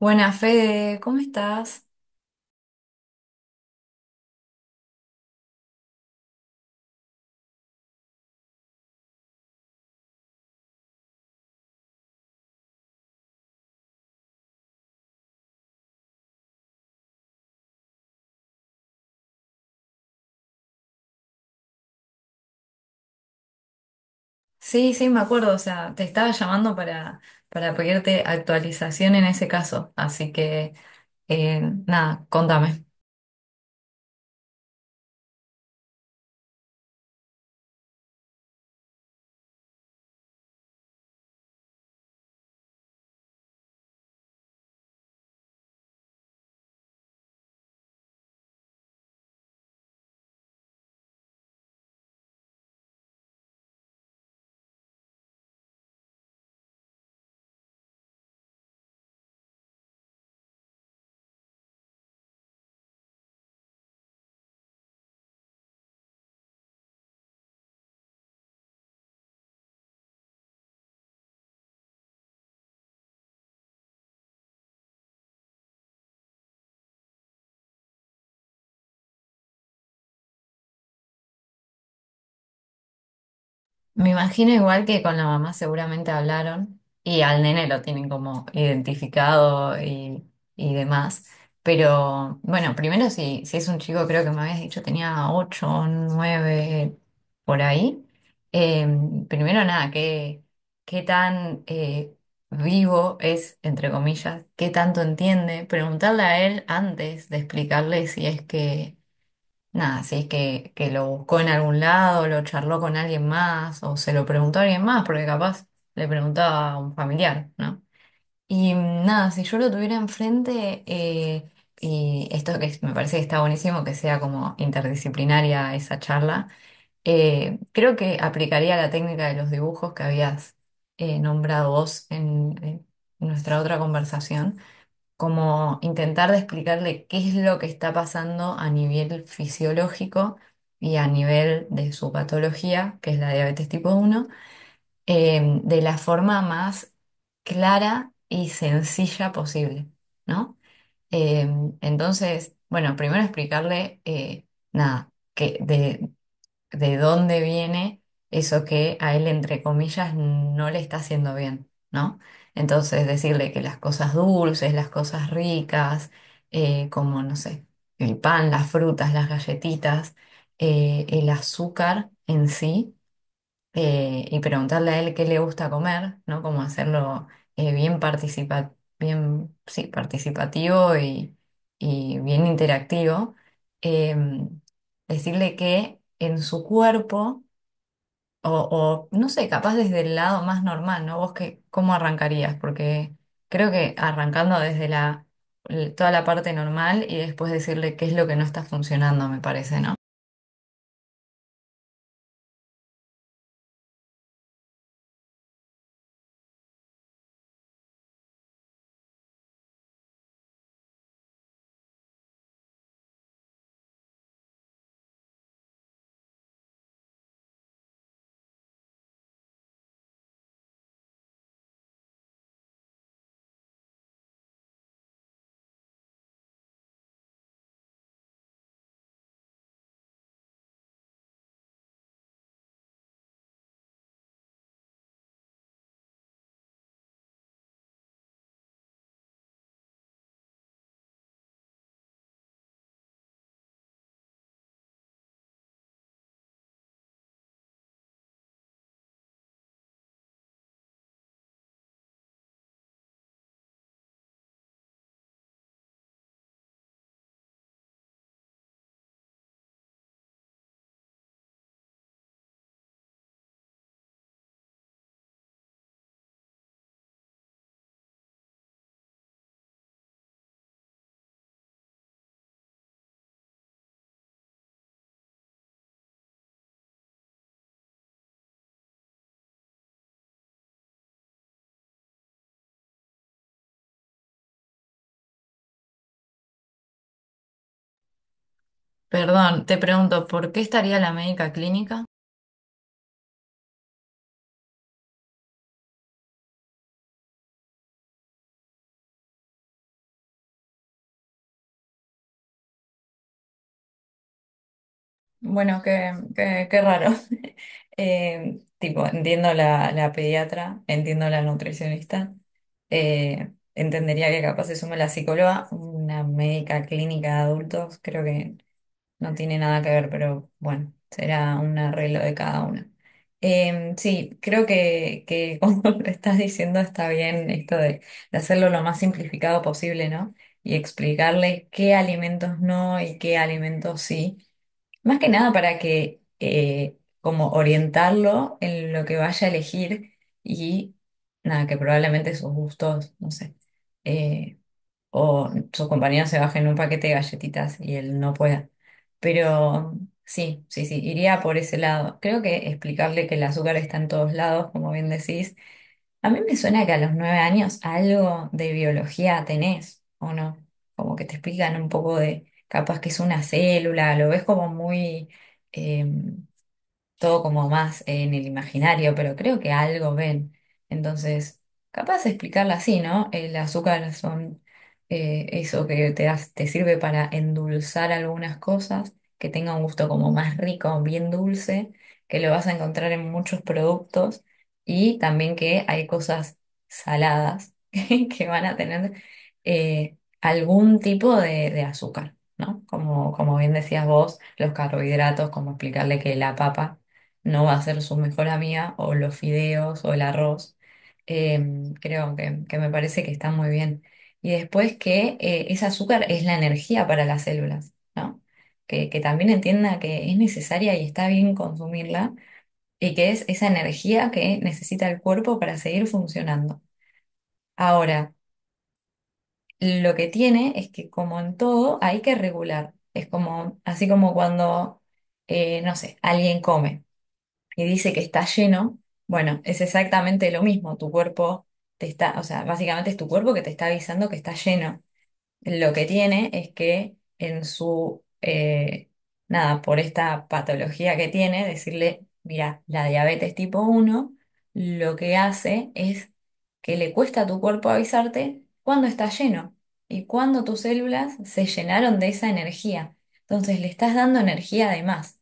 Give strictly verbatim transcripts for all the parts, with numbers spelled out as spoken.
Buenas, Fede, ¿cómo estás? Sí, sí, me acuerdo, o sea, te estaba llamando para, para pedirte actualización en ese caso, así que eh, nada, contame. Me imagino igual que con la mamá seguramente hablaron y al nene lo tienen como identificado y, y demás. Pero bueno, primero si, si es un chico, creo que me habías dicho tenía ocho, nueve por ahí. Eh, Primero nada, qué, qué tan eh, vivo es, entre comillas, qué tanto entiende. Preguntarle a él antes de explicarle si es que nada, si es que, que lo buscó en algún lado, lo charló con alguien más o se lo preguntó a alguien más, porque capaz le preguntaba a un familiar, ¿no? Y mm, nada, si yo lo tuviera enfrente, eh, y esto que es- me parece que está buenísimo, que sea como interdisciplinaria esa charla, eh, creo que aplicaría la técnica de los dibujos que habías eh, nombrado vos en en nuestra otra conversación, como intentar de explicarle qué es lo que está pasando a nivel fisiológico y a nivel de su patología, que es la diabetes tipo uno, eh, de la forma más clara y sencilla posible, ¿no? Eh, entonces, bueno, primero explicarle, eh, nada, que de, de dónde viene eso que a él, entre comillas, no le está haciendo bien, ¿no? Entonces, decirle que las cosas dulces, las cosas ricas, eh, como, no sé, el pan, las frutas, las galletitas, eh, el azúcar en sí, eh, y preguntarle a él qué le gusta comer, ¿no? Como hacerlo eh, bien participa- bien, sí, participativo y, y bien interactivo. Em, Decirle que en su cuerpo, o, o, no sé, capaz desde el lado más normal, ¿no? ¿Vos qué, cómo arrancarías? Porque creo que arrancando desde la, l- toda la parte normal y después decirle qué es lo que no está funcionando, me parece, ¿no? Perdón, te pregunto, ¿por qué estaría la médica clínica? Bueno, qué, qué- qué raro. Eh, tipo, entiendo la, la pediatra, entiendo la nutricionista, eh, entendería que capaz se sume la psicóloga, una médica clínica de adultos, creo que no tiene nada que ver, pero bueno, será un arreglo de cada una. Eh, sí, creo que, que como lo estás diciendo está bien esto de, de hacerlo lo más simplificado posible, ¿no? Y explicarle qué alimentos no y qué alimentos sí. Más que nada para que eh, como orientarlo en lo que vaya a elegir y nada, que probablemente sus gustos, no sé, eh, o sus compañeros se bajen un paquete de galletitas y él no pueda. Pero sí, sí, sí, iría por ese lado. Creo que explicarle que el azúcar está en todos lados, como bien decís, a mí me suena que a los nueve años algo de biología tenés, ¿o no? Como que te explican un poco de, capaz que es una célula, lo ves como muy em, todo como más en el imaginario, pero creo que algo ven. Entonces, capaz de explicarla así, ¿no? El azúcar son eh, eso que te das- te sirve para endulzar algunas cosas, que tenga un gusto como más rico, bien dulce, que lo vas a encontrar en muchos productos y también que hay cosas saladas que van a tener eh, algún tipo de, de azúcar, ¿no? Como, como bien decías vos, los carbohidratos, como explicarle que la papa no va a ser su mejor amiga, o los fideos, o el arroz. Em, creo que, que me parece que está muy bien. Y después que eh, ese azúcar es la energía para las células, ¿no? Que, que también entienda que es necesaria y está bien consumirla, y que es esa energía que necesita el cuerpo para seguir funcionando. Ahora, lo que tiene es que como en todo hay que regular. Es como, así como cuando, eh, no sé, alguien come y dice que está lleno, bueno, es exactamente lo mismo, tu cuerpo te está, o sea, básicamente es tu cuerpo que te está avisando que está lleno. Lo que tiene es que en su, eh, nada, por esta patología que tiene, decirle, mira, la diabetes tipo uno lo que hace es que le cuesta a tu cuerpo avisarte cuando está lleno y cuando tus células se llenaron de esa energía. Entonces le estás dando energía de más.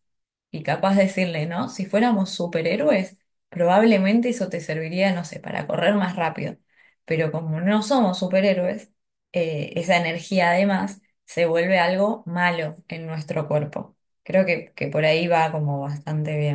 Y capaz decirle, ¿no? Si fuéramos superhéroes, probablemente eso te serviría, no sé, para correr más rápido. Pero como no somos superhéroes, eh, esa energía además se vuelve algo malo en nuestro cuerpo. Creo que, que por ahí va como bastante bien.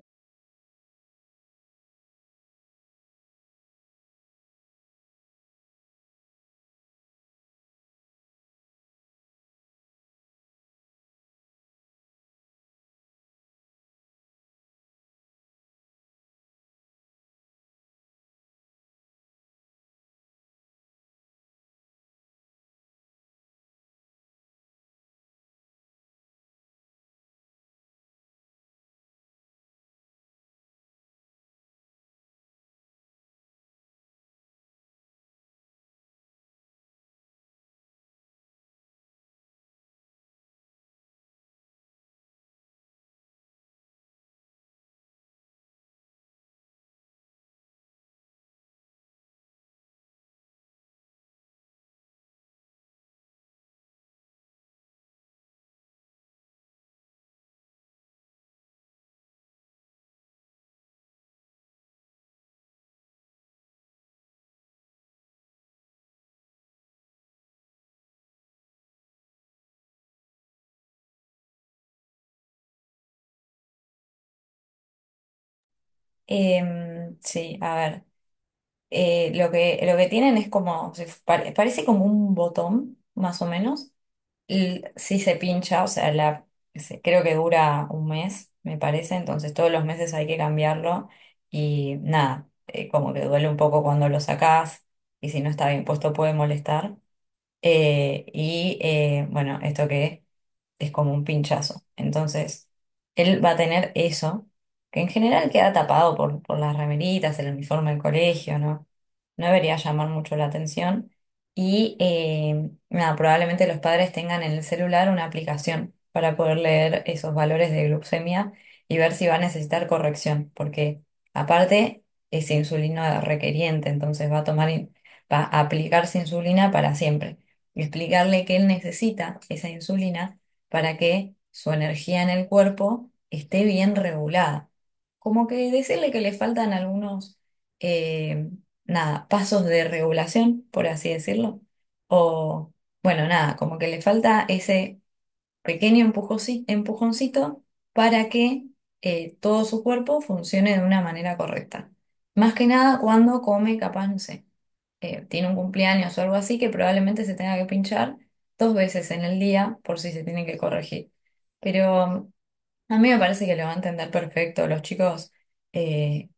Em, sí, a ver, eh, lo que, lo que tienen es como, se- pare- parece como un botón, más o menos. Y si se pincha, o sea, la, se- creo que dura un mes, me parece, entonces todos los meses hay que cambiarlo y nada, eh, como que duele un poco cuando lo sacás y si no está bien puesto puede molestar. Eh, y eh, bueno, esto que es como un pinchazo. Entonces, él va a tener eso, que en general queda tapado por, por las remeritas, el uniforme del colegio, ¿no? No debería llamar mucho la atención. Y eh, nada, probablemente los padres tengan en el celular una aplicación para poder leer esos valores de glucemia y ver si va a necesitar corrección, porque aparte es insulino requeriente, entonces va a tomar, in- va a aplicarse insulina para siempre y explicarle que él necesita esa insulina para que su energía en el cuerpo esté bien regulada. Como que decirle que le faltan algunos, eh, nada, pasos de regulación, por así decirlo. O, bueno, nada, como que le falta ese pequeño empujosi- empujoncito para que eh, todo su cuerpo funcione de una manera correcta. Más que nada cuando come, capaz, no sé, eh, tiene un cumpleaños o algo así, que probablemente se tenga que pinchar dos veces en el día por si se tiene que corregir. Pero a mí me parece que lo va a entender perfecto. Los chicos eh,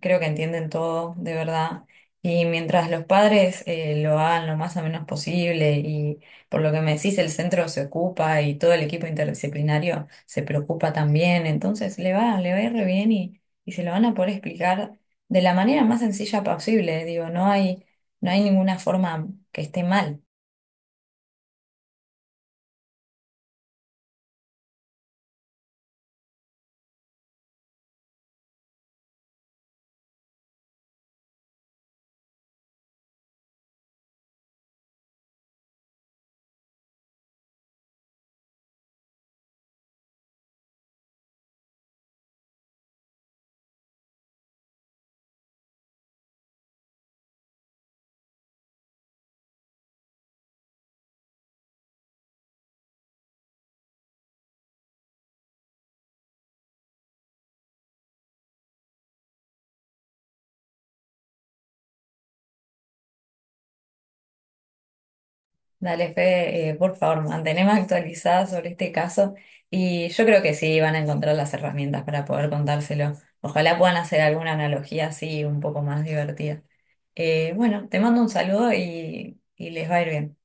creo que entienden todo, de verdad. Y mientras los padres eh, lo hagan lo más o menos posible y por lo que me decís, el centro se ocupa y todo el equipo interdisciplinario se preocupa también, entonces le va, le va a ir re bien y, y se lo van a poder explicar de la manera más sencilla posible. Digo, no hay, no hay ninguna forma que esté mal. Dale, Fede, eh, por favor, manteneme actualizada sobre este caso y yo creo que sí van a encontrar las herramientas para poder contárselo. Ojalá puedan hacer alguna analogía así un poco más divertida. Eh, bueno, te mando un saludo y, y les va a ir bien.